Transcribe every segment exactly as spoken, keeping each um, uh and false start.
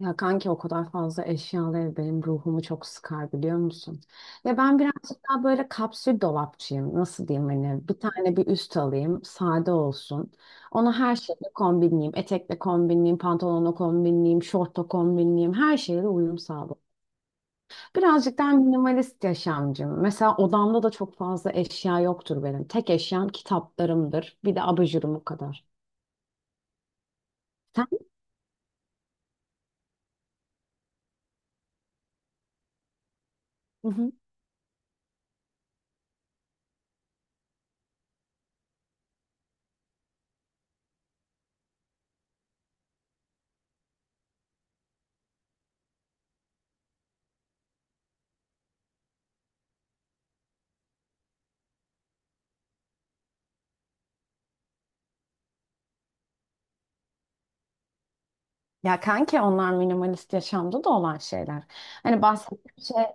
Ya kanki o kadar fazla eşyalı ev benim ruhumu çok sıkar biliyor musun? Ya ben birazcık daha böyle kapsül dolapçıyım. Nasıl diyeyim hani bir tane bir üst alayım sade olsun. Onu her şeyle kombinleyeyim. Etekle kombinleyeyim, pantolonla kombinleyeyim, şortla kombinleyeyim. Her şeyle uyum sağlayayım. Birazcık daha minimalist yaşamcım. Mesela odamda da çok fazla eşya yoktur benim. Tek eşyam kitaplarımdır. Bir de abajurumum kadar. Sen? Ya kanki onlar minimalist yaşamda da olan şeyler. Hani bahsettiğim şey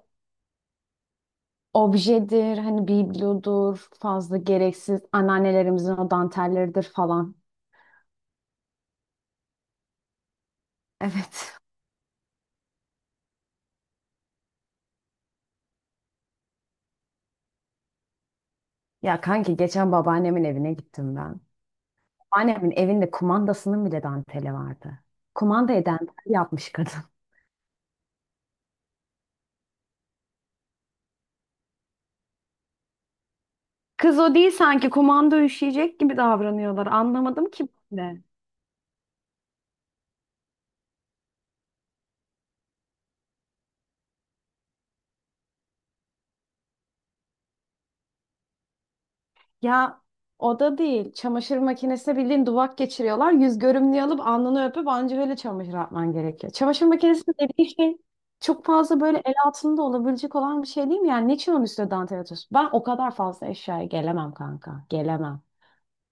objedir, hani biblodur, fazla gereksiz anneannelerimizin o dantelleridir falan. Evet. Ya kanki geçen babaannemin evine gittim ben. Babaannemin evinde kumandasının bile danteli vardı. Kumandayı dantel yapmış kadın. Kız o değil, sanki kumanda üşüyecek gibi davranıyorlar. Anlamadım ki ben de. Ya o da değil. Çamaşır makinesine bildiğin duvak geçiriyorlar. Yüz görümlüğü alıp alnını öpüp anca öyle çamaşır atman gerekiyor. Çamaşır makinesi dediğin şey çok fazla böyle el altında olabilecek olan bir şey, değil mi? Yani niçin onun üstüne dantel atıyorsun? Ben o kadar fazla eşyaya gelemem kanka. Gelemem.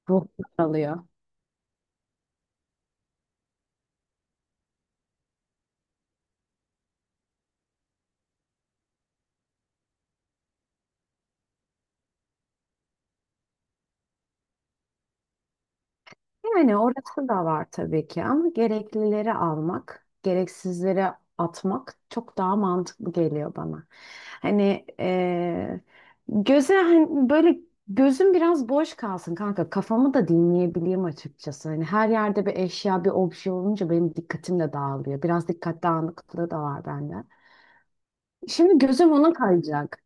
Ruh alıyor. Yani orası da var tabii ki ama gereklileri almak, gereksizleri atmak çok daha mantıklı geliyor bana. Hani eee, göze hani böyle gözüm biraz boş kalsın kanka, kafamı da dinleyebileyim açıkçası. Hani her yerde bir eşya bir obje olunca benim dikkatim de dağılıyor. Biraz dikkat dağınıklığı da var bende. Şimdi gözüm ona kayacak.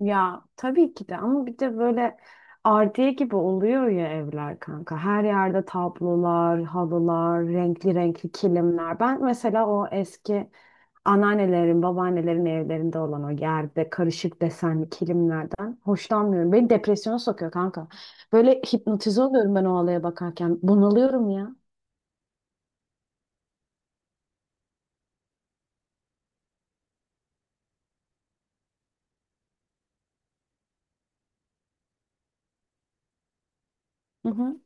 Ya tabii ki de, ama bir de böyle ardiye gibi oluyor ya evler kanka. Her yerde tablolar, halılar, renkli renkli kilimler. Ben mesela o eski anneannelerin, babaannelerin evlerinde olan o yerde karışık desenli kilimlerden hoşlanmıyorum. Beni depresyona sokuyor kanka. Böyle hipnotize oluyorum ben o halaya bakarken. Bunalıyorum ya. Hı hı.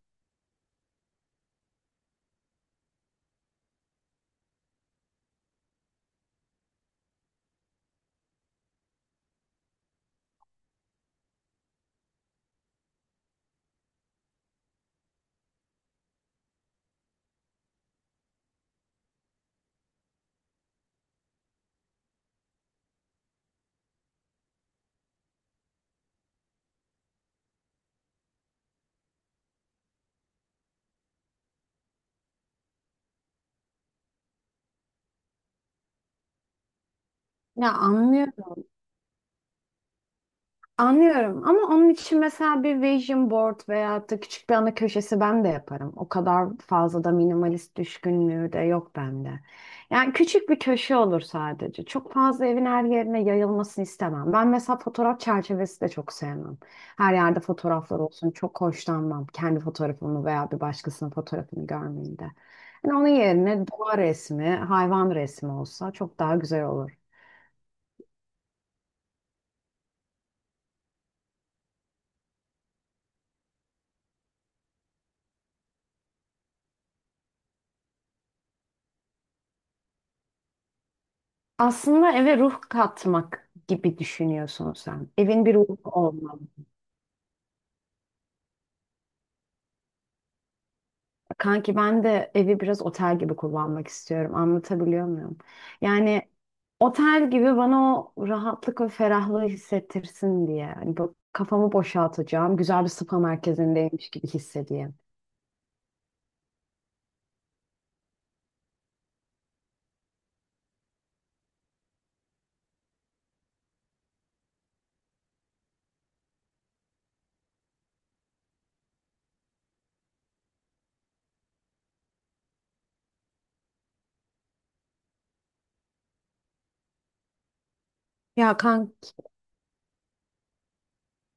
Ya anlıyorum. Anlıyorum ama onun için mesela bir vision board veya da küçük bir ana köşesi ben de yaparım. O kadar fazla da minimalist düşkünlüğü de yok bende. Yani küçük bir köşe olur sadece. Çok fazla evin her yerine yayılmasını istemem. Ben mesela fotoğraf çerçevesi de çok sevmem. Her yerde fotoğraflar olsun çok hoşlanmam. Kendi fotoğrafımı veya bir başkasının fotoğrafını görmeyi de. Yani onun yerine doğa resmi, hayvan resmi olsa çok daha güzel olur. Aslında eve ruh katmak gibi düşünüyorsun sen. Evin bir ruhu olmalı. Kanki ben de evi biraz otel gibi kullanmak istiyorum. Anlatabiliyor muyum? Yani otel gibi bana o rahatlık ve ferahlığı hissettirsin diye. Hani bu kafamı boşaltacağım. Güzel bir spa merkezindeymiş gibi hissedeyim. Ya kanka,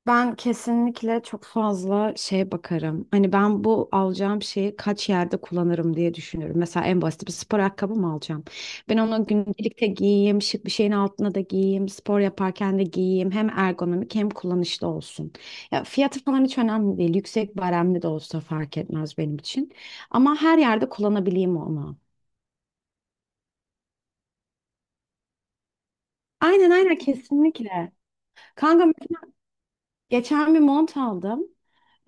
ben kesinlikle çok fazla şeye bakarım. Hani ben bu alacağım şeyi kaç yerde kullanırım diye düşünüyorum. Mesela en basit, bir spor ayakkabı mı alacağım? Ben onu gündelikte giyeyim, şık bir şeyin altına da giyeyim, spor yaparken de giyeyim. Hem ergonomik hem kullanışlı olsun. Ya fiyatı falan hiç önemli değil. Yüksek baremli de olsa fark etmez benim için. Ama her yerde kullanabileyim onu. Aynen, aynen, kesinlikle. Kanka mesela geçen bir mont aldım.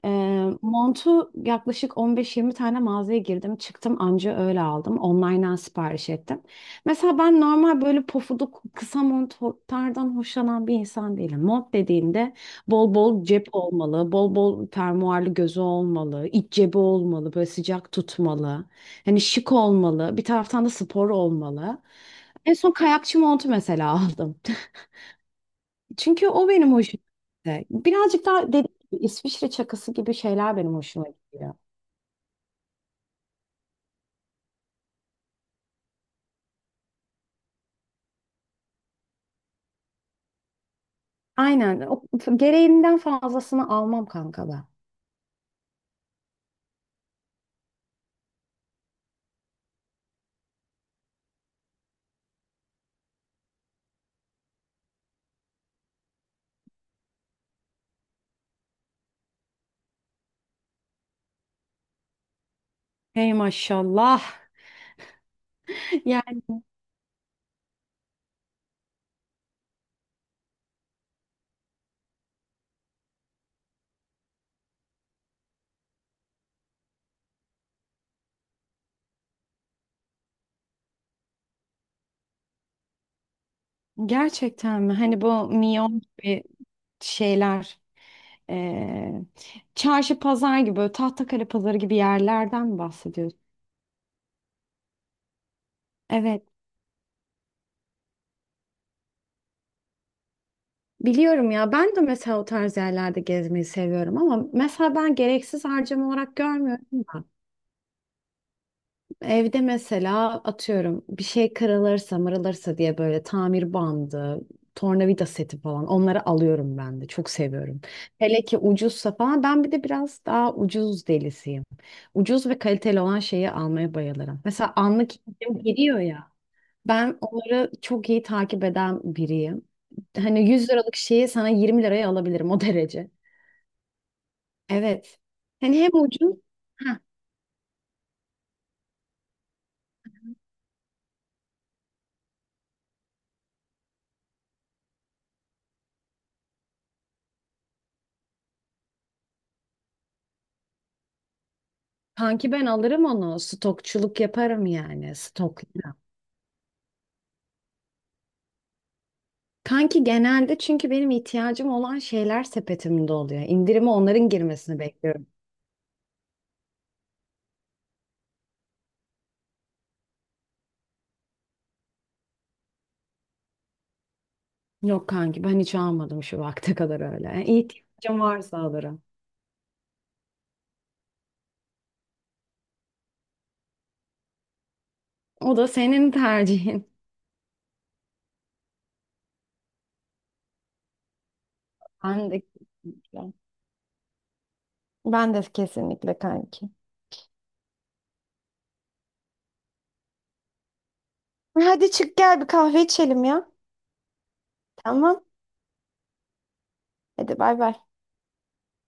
Ee, montu yaklaşık on beş yirmi tane mağazaya girdim. Çıktım anca öyle aldım. Online'dan sipariş ettim. Mesela ben normal böyle pofuduk kısa montlardan hoşlanan bir insan değilim. Mont dediğimde bol bol cep olmalı, bol bol fermuarlı gözü olmalı, iç cebi olmalı, böyle sıcak tutmalı. Hani şık olmalı, bir taraftan da spor olmalı. En son kayakçı montu mesela aldım. Çünkü o benim hoşuma gitti. Birazcık daha dediğim gibi İsviçre çakısı gibi şeyler benim hoşuma gidiyor. Aynen. O, gereğinden fazlasını almam kanka ben. Hey maşallah. Yani gerçekten mi? Hani bu miyon gibi şeyler. eee, Çarşı pazar gibi böyle Tahtakale pazarı gibi yerlerden mi bahsediyorsun? Evet. Biliyorum ya, ben de mesela o tarz yerlerde gezmeyi seviyorum ama mesela ben gereksiz harcama olarak görmüyorum da. Evde mesela atıyorum bir şey kırılırsa mırılırsa diye böyle tamir bandı, tornavida seti falan, onları alıyorum ben de çok seviyorum. Hele ki ucuzsa falan, ben bir de biraz daha ucuz delisiyim. Ucuz ve kaliteli olan şeyi almaya bayılırım. Mesela anlık indirim geliyor ya, ben onları çok iyi takip eden biriyim. Hani yüz liralık şeyi sana yirmi liraya alabilirim o derece. Evet. Hani hem ucuz, kanki ben alırım onu. Stokçuluk yaparım yani. Stoklarım. Kanki genelde, çünkü benim ihtiyacım olan şeyler sepetimde oluyor. İndirime onların girmesini bekliyorum. Yok kanki, ben hiç almadım şu vakte kadar öyle. İhtiyacım varsa alırım. O da senin tercihin. Ben de kesinlikle. Ben de kesinlikle kanki. Hadi çık gel bir kahve içelim ya. Tamam. Hadi bay bay.